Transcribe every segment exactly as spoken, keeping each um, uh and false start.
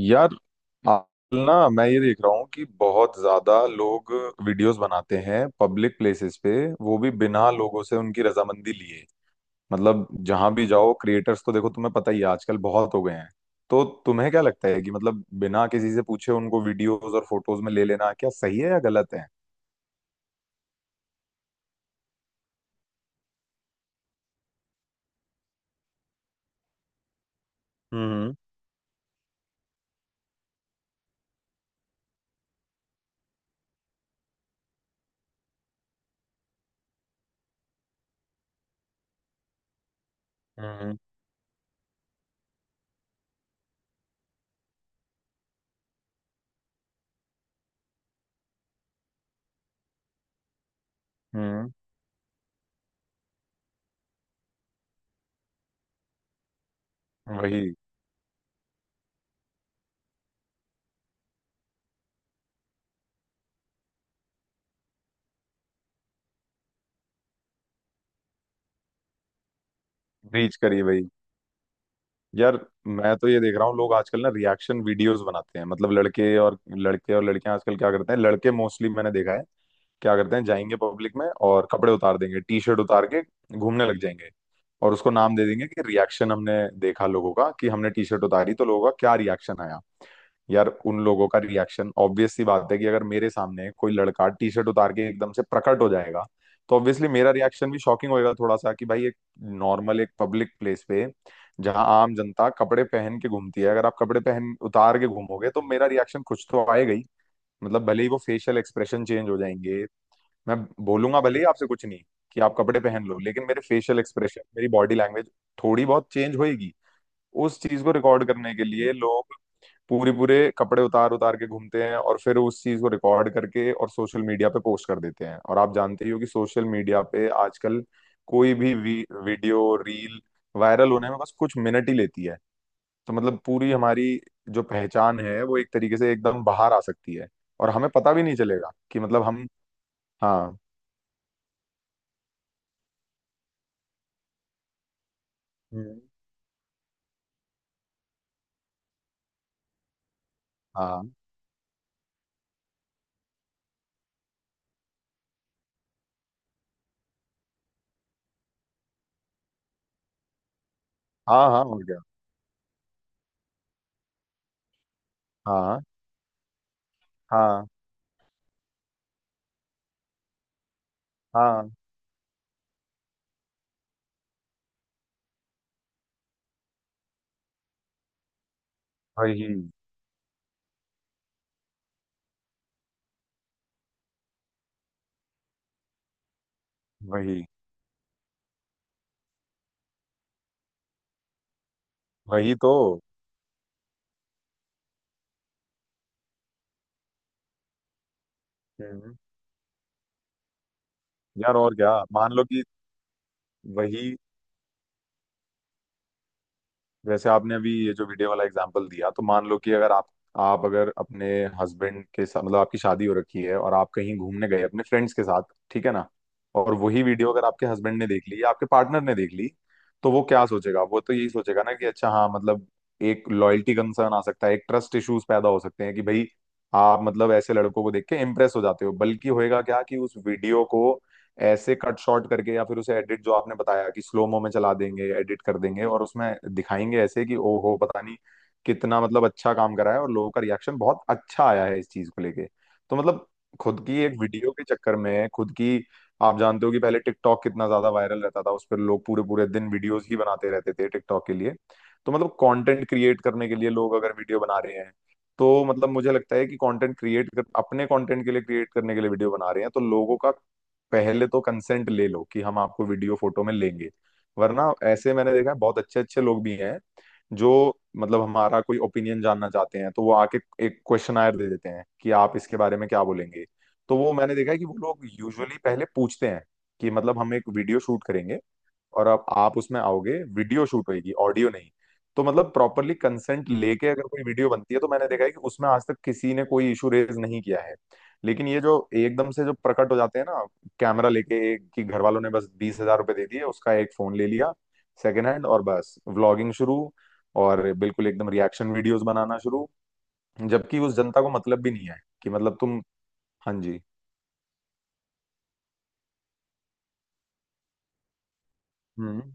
यार, आजकल ना मैं ये देख रहा हूँ कि बहुत ज्यादा लोग वीडियोस बनाते हैं पब्लिक प्लेसेस पे, वो भी बिना लोगों से उनकी रजामंदी लिए। मतलब जहां भी जाओ क्रिएटर्स तो देखो, तुम्हें पता ही है आजकल बहुत हो गए हैं। तो तुम्हें क्या लगता है कि मतलब बिना किसी से पूछे उनको वीडियोस और फोटोज में ले लेना क्या सही है या गलत है? हम्म। हम्म। हम्म। वही। रीच करिए भाई। यार, मैं तो ये देख रहा हूँ लोग आजकल ना रिएक्शन वीडियोस बनाते हैं। मतलब लड़के और लड़के और लड़कियां आजकल क्या करते हैं, लड़के मोस्टली मैंने देखा है क्या करते हैं, जाएंगे पब्लिक में और कपड़े उतार देंगे, टी शर्ट उतार के घूमने लग जाएंगे। और उसको नाम दे देंगे कि रिएक्शन हमने देखा लोगों का कि हमने टी शर्ट उतारी तो लोगों का क्या रिएक्शन आया। यार उन लोगों का रिएक्शन ऑब्वियस सी बात है कि अगर मेरे सामने कोई लड़का टी शर्ट उतार के एकदम से प्रकट हो जाएगा तो ऑब्वियसली मेरा रिएक्शन भी शॉकिंग होएगा थोड़ा सा, कि भाई एक नॉर्मल एक पब्लिक प्लेस पे, जहां आम जनता कपड़े पहन के घूमती है, अगर आप कपड़े पहन उतार के घूमोगे तो मेरा रिएक्शन कुछ तो आएगा ही। मतलब भले ही वो फेशियल एक्सप्रेशन चेंज हो जाएंगे। मैं बोलूंगा भले ही आपसे कुछ नहीं कि आप कपड़े पहन लो, लेकिन मेरे फेशियल एक्सप्रेशन, मेरी बॉडी लैंग्वेज थोड़ी बहुत चेंज होएगी। उस चीज को रिकॉर्ड करने के लिए लोग पूरे पूरे कपड़े उतार उतार के घूमते हैं और फिर उस चीज को रिकॉर्ड करके और सोशल मीडिया पे पोस्ट कर देते हैं। और आप जानते ही हो कि सोशल मीडिया पे आजकल कोई भी वी, वीडियो रील वायरल होने में बस कुछ मिनट ही लेती है। तो मतलब पूरी हमारी जो पहचान है वो एक तरीके से एकदम बाहर आ सकती है, और हमें पता भी नहीं चलेगा कि मतलब हम। हाँ। हम्म। हाँ, हाँ, हाँ, और क्या। हाँ, हाँ, हाँ। वही। वही। वही तो। हम्म। यार, और क्या। मान लो कि, वही, जैसे आपने अभी ये जो वीडियो वाला एग्जांपल दिया, तो मान लो कि अगर आप आप अगर अपने हस्बैंड के साथ, मतलब आपकी शादी हो रखी है, और आप कहीं घूमने गए अपने फ्रेंड्स के साथ, ठीक है ना। और वही वीडियो अगर आपके हस्बैंड ने देख ली या आपके पार्टनर ने देख ली, तो वो क्या सोचेगा? वो तो यही सोचेगा ना कि अच्छा हाँ मतलब एक लॉयल्टी कंसर्न आ सकता है, एक ट्रस्ट इश्यूज पैदा हो सकते हैं, कि भाई आप मतलब ऐसे लड़कों को देख के इम्प्रेस हो जाते हो। बल्कि होएगा क्या कि उस वीडियो को ऐसे कट शॉर्ट करके या फिर उसे एडिट, जो आपने बताया कि स्लोमो में चला देंगे, एडिट कर देंगे, और उसमें दिखाएंगे ऐसे कि ओहो पता नहीं कितना मतलब अच्छा काम करा है और लोगों का रिएक्शन बहुत अच्छा आया है इस चीज को लेके। तो मतलब खुद की एक वीडियो के चक्कर में खुद की, आप जानते हो कि पहले टिकटॉक कितना ज्यादा वायरल रहता था, उस पर लोग पूरे पूरे दिन वीडियोस ही बनाते रहते थे टिकटॉक के लिए। तो मतलब कंटेंट क्रिएट करने के लिए लोग अगर वीडियो बना रहे हैं, तो मतलब मुझे लगता है कि कंटेंट क्रिएट कर अपने कंटेंट के लिए क्रिएट करने के लिए वीडियो बना रहे हैं, तो लोगों का पहले तो कंसेंट ले लो कि हम आपको वीडियो फोटो में लेंगे। वरना ऐसे मैंने देखा है बहुत अच्छे अच्छे लोग भी हैं जो मतलब हमारा कोई ओपिनियन जानना चाहते हैं, तो वो आके एक क्वेश्चनायर दे देते हैं कि आप इसके बारे में क्या बोलेंगे। तो वो मैंने देखा है कि वो लोग यूजुअली पहले पूछते हैं कि मतलब हम एक वीडियो शूट करेंगे, और अब आप उसमें आओगे, वीडियो शूट होगी, ऑडियो नहीं। तो मतलब प्रॉपरली कंसेंट हम्म लेके अगर कोई वीडियो बनती है तो मैंने देखा है कि उसमें आज तक किसी ने कोई इशू रेज नहीं किया है। लेकिन ये जो एकदम से जो प्रकट हो जाते हैं ना कैमरा लेके, एक कि घर वालों ने बस बीस हजार रुपये दे दिए, उसका एक फोन ले लिया सेकेंड हैंड, और बस व्लॉगिंग शुरू, और बिल्कुल एकदम रिएक्शन वीडियोस बनाना शुरू। जबकि उस जनता को मतलब भी नहीं है कि मतलब तुम। हाँ जी। हम्म।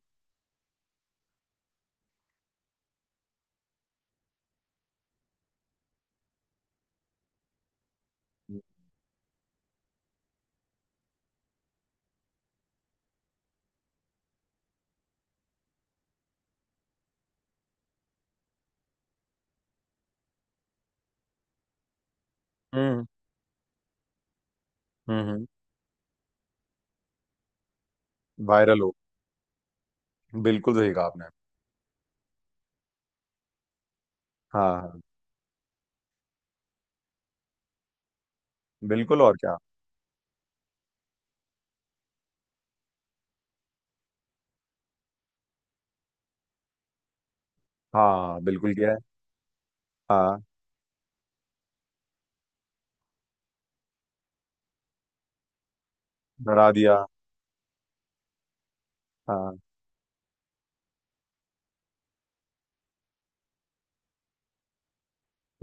हम्म। हम्म। वायरल हो। बिल्कुल सही कहा आपने। हाँ, हाँ। बिल्कुल, और क्या। हाँ बिल्कुल किया है। हाँ। डरा दिया। हाँ।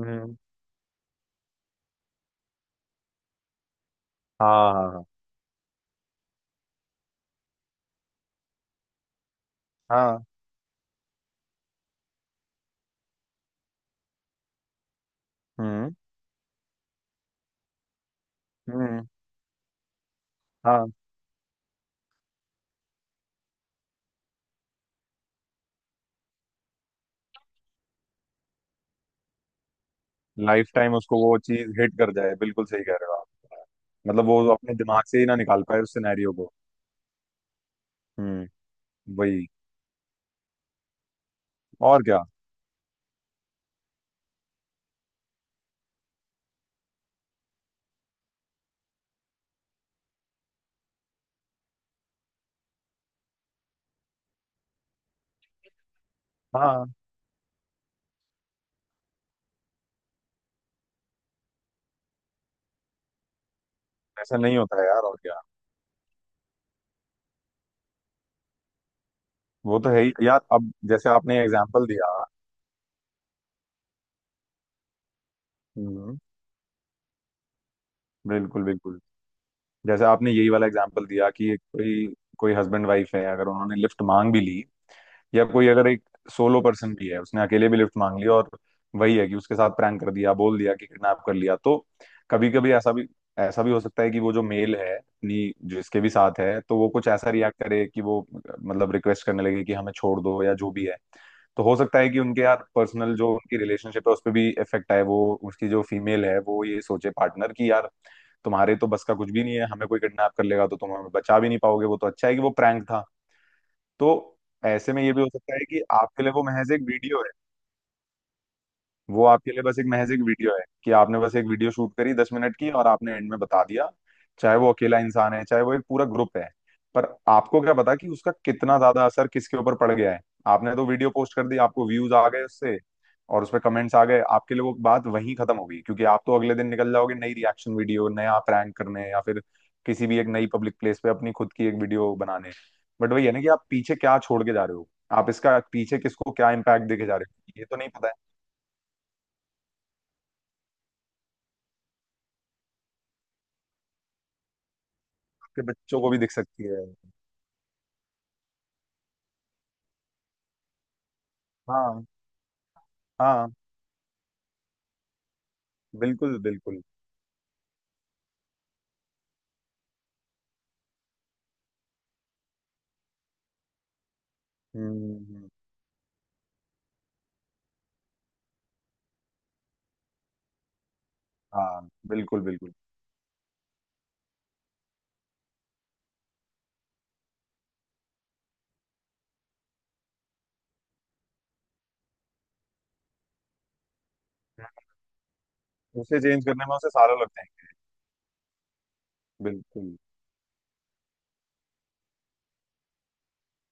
हम्म। हाँ, हाँ, हाँ, हाँ, हम्म, हम्म। हाँ। लाइफ टाइम उसको वो चीज हिट कर जाए, बिल्कुल सही कह रहे हो आप। मतलब वो अपने दिमाग से ही ना निकाल पाए उस सिनेरियो को। हम्म। वही, और क्या। हाँ। ऐसा नहीं होता है यार, और क्या। वो तो है ही यार, अब जैसे आपने एग्जाम्पल दिया। हम्म। बिल्कुल, बिल्कुल। जैसे आपने यही वाला एग्जाम्पल दिया कि कोई, कोई हस्बैंड वाइफ है, अगर उन्होंने लिफ्ट मांग भी ली, या कोई अगर एक सोलो पर्सन भी है, उसने अकेले भी लिफ्ट मांग लिया, और वही है कि उसके साथ प्रैंक कर दिया, बोल दिया कि किडनैप कर लिया, तो कभी कभी ऐसा भी ऐसा भी हो सकता है कि वो जो मेल है अपनी जो इसके भी साथ है, तो वो कुछ ऐसा रिएक्ट करे कि वो मतलब रिक्वेस्ट करने लगे कि हमें छोड़ दो या जो भी है। तो हो सकता है कि उनके यार पर्सनल जो उनकी रिलेशनशिप है उस पर भी इफेक्ट आए, वो उसकी जो फीमेल है वो ये सोचे पार्टनर कि यार तुम्हारे तो बस का कुछ भी नहीं है, हमें कोई किडनैप कर लेगा तो तुम हमें बचा भी नहीं पाओगे, वो तो अच्छा है कि वो प्रैंक था। तो ऐसे में ये भी हो सकता है कि आपके लिए वो महज एक वीडियो है। वो आपके लिए बस एक महज एक वीडियो है कि आपने बस एक वीडियो शूट करी दस मिनट की और आपने एंड में बता दिया, चाहे वो अकेला इंसान है चाहे वो एक पूरा ग्रुप है। पर आपको क्या पता कि उसका कितना ज्यादा असर किसके ऊपर पड़ गया है। आपने तो वीडियो पोस्ट कर दी, आपको व्यूज आ गए उससे, और उस पर कमेंट्स आ गए, आपके लिए वो बात वहीं खत्म हो गई, क्योंकि आप तो अगले दिन निकल जाओगे नई रिएक्शन वीडियो, नया प्रैंक करने, या फिर किसी भी एक नई पब्लिक प्लेस पे अपनी खुद की एक वीडियो बनाने। बट वही है ना कि आप पीछे क्या छोड़ के जा रहे हो, आप इसका पीछे किसको क्या इम्पैक्ट देके जा रहे हो, ये तो नहीं पता है। के बच्चों को भी दिख सकती है। हाँ। हाँ बिल्कुल, बिल्कुल। हम्म, हम्म। हाँ बिल्कुल, बिल्कुल। उसे चेंज करने में उसे सालों लग जाएंगे। बिल्कुल।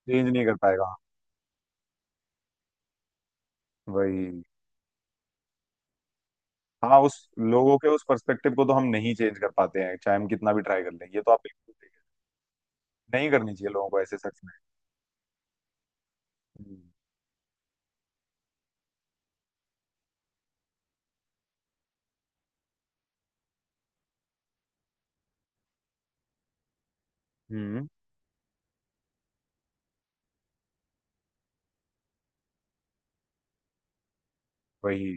चेंज नहीं कर पाएगा। वही। हाँ, उस लोगों के उस पर्सपेक्टिव को तो हम नहीं चेंज कर पाते हैं चाहे हम कितना भी ट्राई कर लें, ये तो आप बिल्कुल सही कह- नहीं करनी चाहिए लोगों को ऐसे सच में। हम्म। हम्म। वही।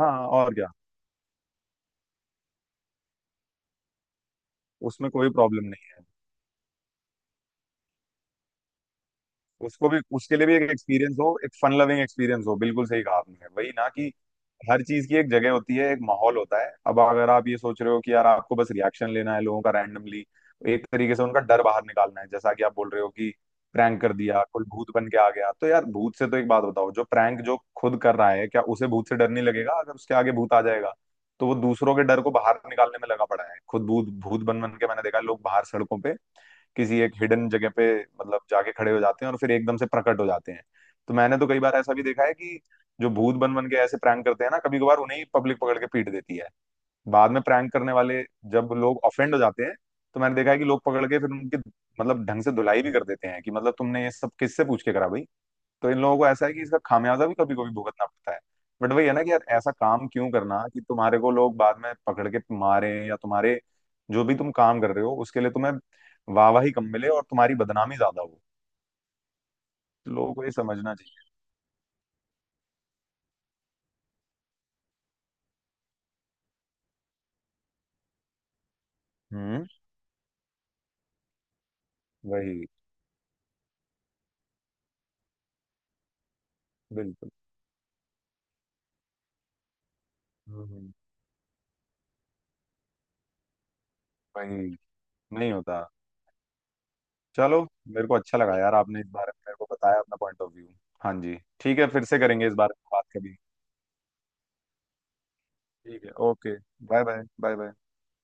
हाँ और क्या। उसमें कोई प्रॉब्लम नहीं है। उसको भी, उसके लिए भी एक एक्सपीरियंस हो, एक फन लविंग एक्सपीरियंस हो, बिल्कुल सही कहा आपने, वही ना कि हर चीज की एक जगह होती है, एक माहौल होता है। अब अगर आप ये सोच रहे हो कि यार आपको बस रिएक्शन लेना है लोगों का रैंडमली, एक तरीके से उनका डर बाहर निकालना है, जैसा कि आप बोल रहे हो कि प्रैंक कर दिया, कोई भूत बन के आ गया, तो यार भूत से तो एक बात बताओ, जो प्रैंक जो खुद कर रहा है क्या उसे भूत से डर नहीं लगेगा अगर उसके आगे भूत आ जाएगा? तो वो दूसरों के डर को बाहर निकालने में लगा पड़ा है, खुद भूत भूत बन बन के। मैंने देखा लोग बाहर सड़कों पे किसी एक हिडन जगह पे मतलब जाके खड़े हो जाते हैं और फिर एकदम से प्रकट हो जाते हैं। तो मैंने तो कई बार ऐसा भी देखा है कि जो भूत बन बन के ऐसे प्रैंक करते हैं ना, कभी कभार उन्हें ही पब्लिक पकड़ के पीट देती है बाद में, प्रैंक करने वाले। जब लोग ऑफेंड हो जाते हैं तो मैंने देखा है कि लोग पकड़ के फिर उनकी मतलब ढंग से धुलाई भी कर देते हैं, कि मतलब तुमने ये सब किससे पूछ के करा भाई। तो इन लोगों को ऐसा है कि इसका खामियाजा भी कभी कभी भुगतना पड़ता है। बट वही है ना कि यार ऐसा काम क्यों करना कि तुम्हारे को लोग बाद में पकड़ के मारे, या तुम्हारे जो भी तुम काम कर रहे हो उसके लिए तुम्हें वाहवाही कम मिले और तुम्हारी बदनामी ज्यादा हो। लोगों को ये समझना चाहिए। हम्म। वही। बिल्कुल। हम्म। वही। नहीं होता। चलो। मेरे को अच्छा लगा यार आपने इस बारे में मेरे को बताया अपना पॉइंट ऑफ व्यू। हाँ जी ठीक है, फिर से करेंगे इस बारे में बात कभी। ठीक है, okay. Bye bye, bye bye.